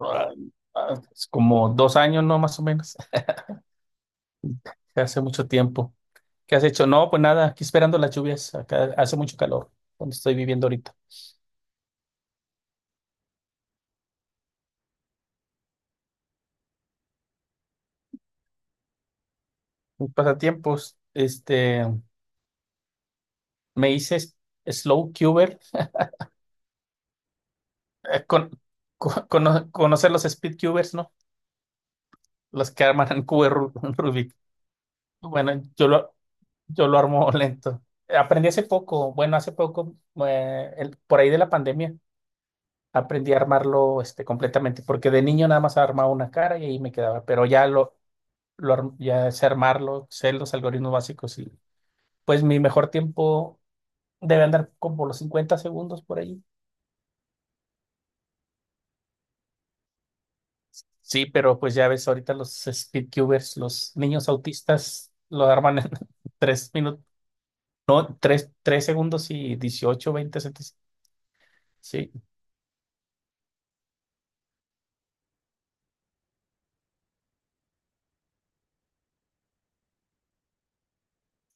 Ah, es como 2 años, ¿no? Más o menos. Hace mucho tiempo. ¿Qué has hecho? No, pues nada, aquí esperando las lluvias. Acá hace mucho calor, donde estoy viviendo ahorita. Mis pasatiempos, me hice slow cuber, eh, con, conocer los speed cubers, ¿no? Los que arman en cubo Rubik. Bueno, yo lo armo lento. Aprendí hace poco, bueno, hace poco, por ahí de la pandemia. Aprendí a armarlo completamente, porque de niño nada más armaba una cara y ahí me quedaba, pero ya sé armarlo, sé los algoritmos básicos y pues mi mejor tiempo debe andar como los 50 segundos por ahí. Sí, pero pues ya ves ahorita los speedcubers, los niños autistas lo arman en 3 minutos, no, tres segundos y dieciocho 20 centímetros. Sí,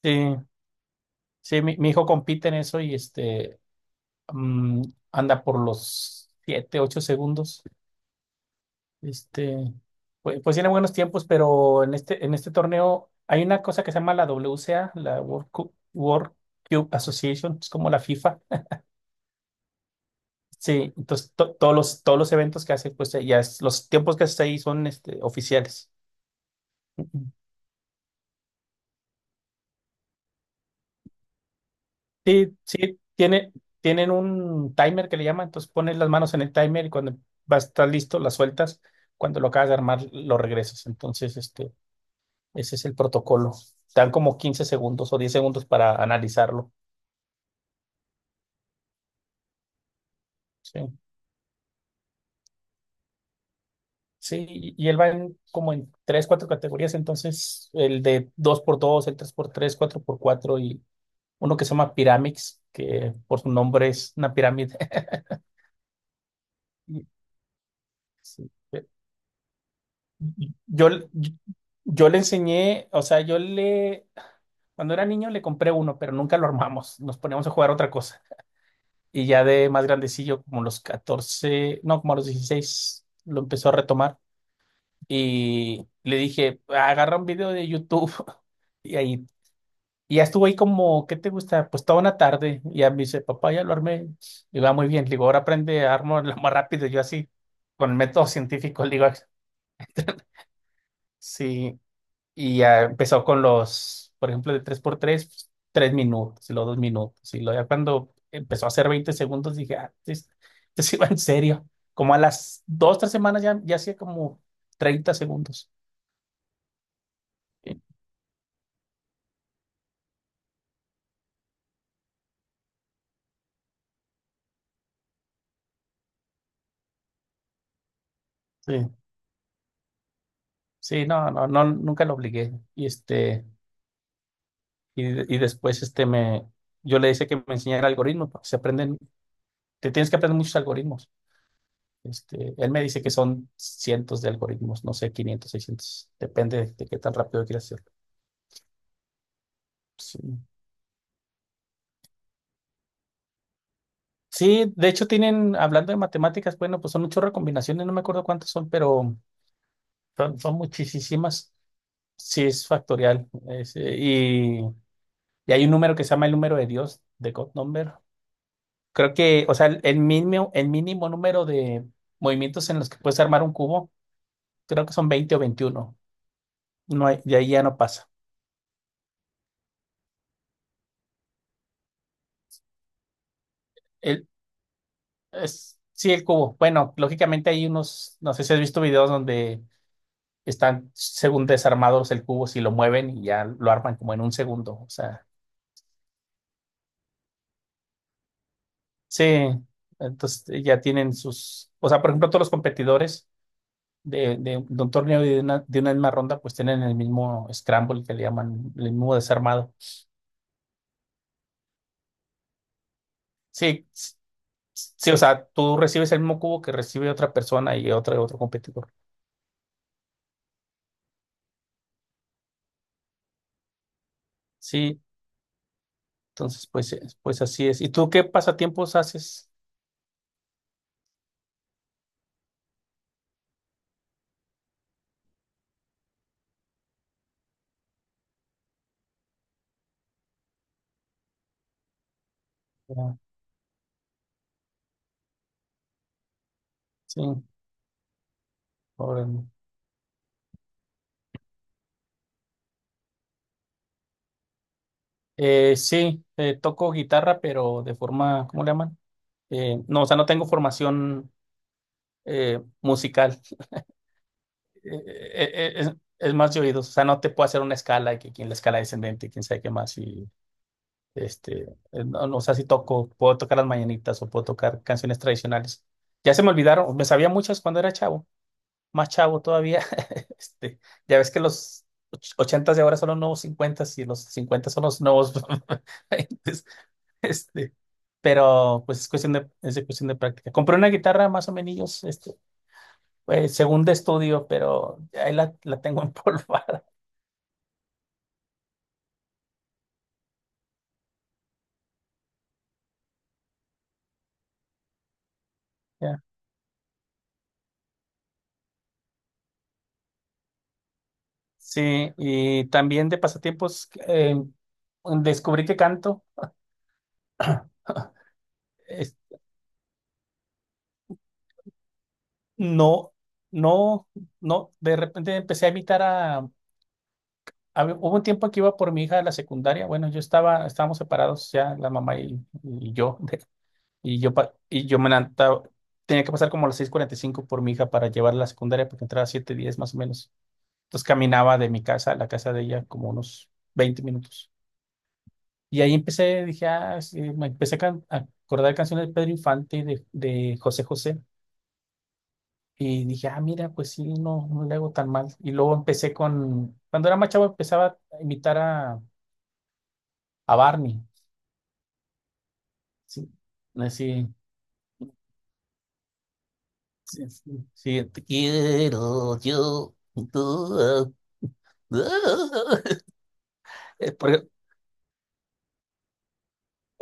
sí, sí, mi hijo compite en eso y mm, anda por los 7 8 segundos. Este, pues tiene buenos tiempos, pero en este torneo hay una cosa que se llama la WCA, la World Cup, World Cube Association, es como la FIFA. Sí, entonces todos los eventos que hace, pues los tiempos que hace ahí son oficiales. Ujú. Sí, sí, tienen un timer que le llaman, entonces pones las manos en el timer y cuando va a estar listo, las sueltas, cuando lo acabas de armar, lo regresas. Entonces, ese es el protocolo. Dan como 15 segundos o 10 segundos para analizarlo. Sí, sí, y él como en tres, cuatro categorías, entonces el de dos por dos, el tres por tres, cuatro por cuatro y uno que se llama Pyramix, que por su nombre es una pirámide. Y- sí, Yo, le- yo, yo le enseñé, o sea, cuando era niño le compré uno, pero nunca lo armamos, nos poníamos a jugar otra cosa. Y ya de más grandecillo, como los 14, no, como a los 16, lo empezó a retomar y le dije, agarra un video de YouTube. Y ahí. Y ya estuvo ahí como, ¿qué te gusta? Pues toda una tarde. Y ya me dice, papá, ya lo armé. Y va muy bien. Le digo, ahora aprende a armarlo más rápido. Yo así, con el método científico, le digo, sí. Y ya empezó por ejemplo, de tres por tres pues, 3 minutos, y luego 2 minutos. Y luego ya cuando empezó a hacer 20 segundos, dije, ah, esto sí va en serio. Como a las dos, tres semanas ya hacía como 30 segundos. Sí, sí, no, no, no, nunca lo obligué. Y después yo le decía que me enseñara algoritmos, porque se aprenden, te tienes que aprender muchos algoritmos. Él me dice que son cientos de algoritmos, no sé, 500 seiscientos, depende de qué tan rápido quieras hacerlo. Sí. Sí, de hecho tienen, hablando de matemáticas, bueno, pues son un chorro de combinaciones, no me acuerdo cuántas son, pero son muchísimas. Sí, es factorial. Y hay un número que se llama el número de Dios, de God Number. Creo que, o sea, el mínimo número de movimientos en los que puedes armar un cubo, creo que son 20 o veintiuno. No hay- De ahí ya no pasa. El, sí, el cubo. Bueno, lógicamente hay unos, no sé si has visto videos donde están según desarmados el cubo, si lo mueven y ya lo arman como en un segundo. O sea, sí, entonces ya tienen o sea, por ejemplo, todos los competidores de un torneo y de una misma ronda, pues tienen el mismo scramble que le llaman, el mismo desarmado. Sí. Sí, o sea, tú recibes el mismo cubo que recibe otra persona y otra otro competidor. Sí, entonces pues así es. ¿Y tú qué pasatiempos haces? Ya, sí, órale. Sí, toco guitarra, pero de forma, ¿cómo le llaman? No, o sea, no tengo formación musical. Eh, eh, eh, es, es más de oídos, o sea, no te puedo hacer una escala y que quien la escala descendente, quién sabe qué más y. No, no sé si toco, puedo tocar las mañanitas o puedo tocar canciones tradicionales. Ya se me olvidaron, me sabía muchas cuando era chavo, más chavo todavía. Este, ya ves que los ochentas de ahora son los nuevos cincuentas y los cincuentas son los nuevos veintes. Este, pero pues es cuestión de, es de cuestión de práctica. Compré una guitarra más o menos, pues, según de estudio, pero ahí la tengo empolvada. Ya. Sí, y también de pasatiempos, descubrí que canto. es- no, no, no, de repente empecé a imitar a. Hubo un tiempo que iba por mi hija a la secundaria, bueno, estábamos separados ya, la mamá y yo, y yo me levantaba, tenía que pasar como a las 6:45 por mi hija para llevarla a la secundaria porque entraba a 7:10 más o menos. Entonces caminaba de mi casa a la casa de ella como unos 20 minutos. Y ahí empecé, dije, ah, sí, me empecé a acordar canciones de Pedro Infante, de José José. Y dije, ah, mira, pues sí, no, no le hago tan mal. Y luego empecé cuando era más chavo empezaba a imitar a Barney. Sí, así, sí, sí, sí, te quiero yo. Tú, ah, ah. Eh, por-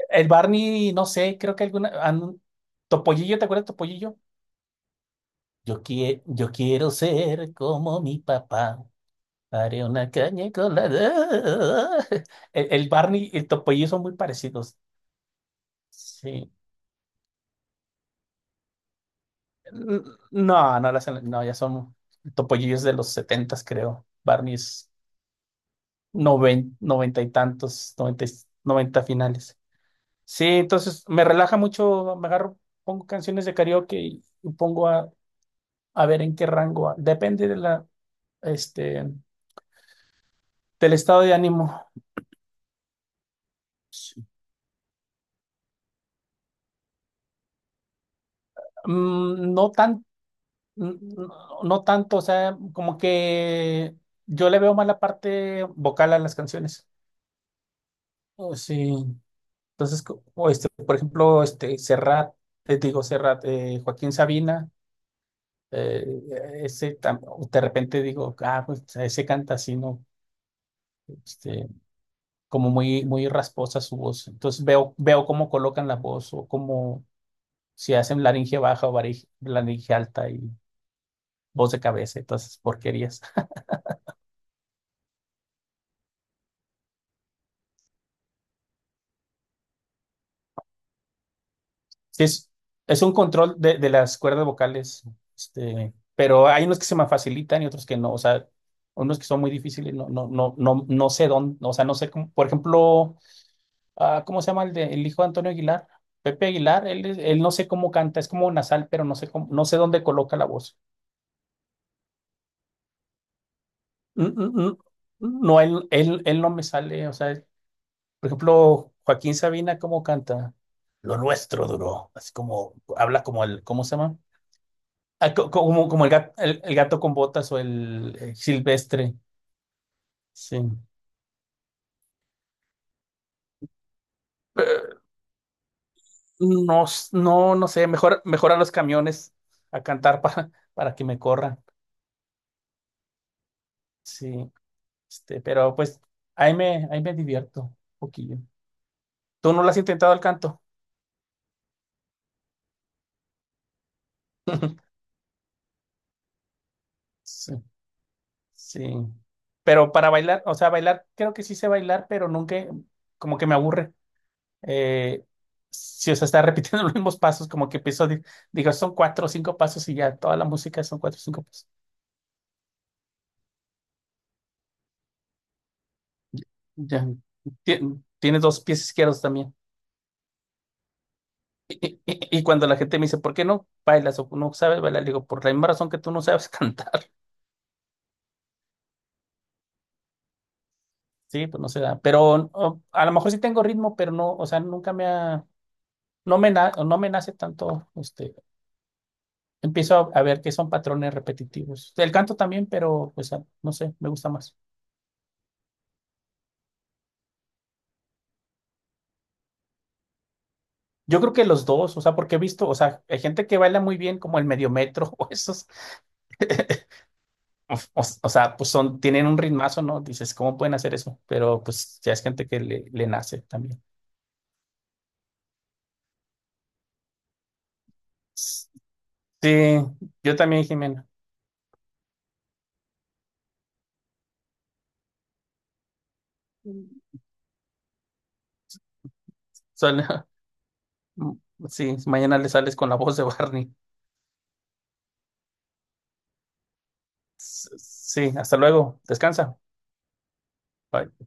El Barney, no sé, creo que alguna, Topollillo, ¿te acuerdas de Topollillo? Yo quiero ser como mi papá. Haré una caña con la. El Barney y el Topollillo son muy parecidos. Sí. No, no, no, ya son topollillos de los setentas, creo. Barney's noventa y tantos, noventa, noventa finales. Sí, entonces me relaja mucho, me agarro, pongo canciones de karaoke y pongo a ver en qué rango. Depende este, del estado de ánimo. Sí. Mm, No tan, n- no, no tanto, o sea, como que yo le veo más la parte vocal a las canciones. Oh, sí. Entonces, por ejemplo, este Serrat, te digo Serrat, Joaquín Sabina, eh, ese tam- de repente digo, ah, pues ese canta así, ¿no? Este, Como muy, muy rasposa su voz. Entonces veo cómo colocan la voz o cómo si hacen laringe baja o laringe alta y voz de cabeza y todas esas porquerías. Sí, es un control de las cuerdas vocales, pero hay unos que se me facilitan y otros que no, o sea, unos que son muy difíciles, no, no, no, no, no sé dónde, o sea, no sé cómo, por ejemplo, ah, ¿cómo se llama el hijo de Antonio Aguilar? Pepe Aguilar, él no sé cómo canta, es como nasal, pero no sé cómo, no sé dónde coloca la voz. Mm, mm, No, él no me sale, o sea, por ejemplo, Joaquín Sabina, ¿cómo canta? Lo nuestro duró, así como, habla como el, ¿cómo se llama? Ah, como el gato, el gato con botas o el, silvestre. Sí. Eh, No, no, no sé, mejor, mejor a los camiones a cantar para que me corran. Sí. Pero pues ahí me divierto un poquillo. ¿Tú no lo has intentado el canto? Sí, sí. Pero para bailar, o sea, bailar, creo que sí sé bailar, pero nunca, como que me aburre. eh, si o sea, está repitiendo los mismos pasos, como que empiezo, digo, son cuatro o cinco pasos y ya, toda la música son cuatro o cinco pasos. Ya, tiene dos pies izquierdos también. Y cuando la gente me dice, ¿por qué no bailas o no sabes bailar? Le digo, por la misma razón que tú no sabes cantar. Sí, pues no se da. Pero a lo mejor sí tengo ritmo, pero no, o sea, nunca me ha, no me, no me nace tanto, empiezo a ver que son patrones repetitivos. El canto también, pero pues no sé, me gusta más. Yo creo que los dos, o sea, porque he visto, o sea, hay gente que baila muy bien como el medio metro o esos, o sea, pues tienen un ritmazo, ¿no? Dices, ¿cómo pueden hacer eso? Pero pues ya es gente que le nace también. S- Sí, yo también, Jimena. Sale- sí, mañana le sales con la voz de Barney. Sí, hasta luego, descansa. Bye.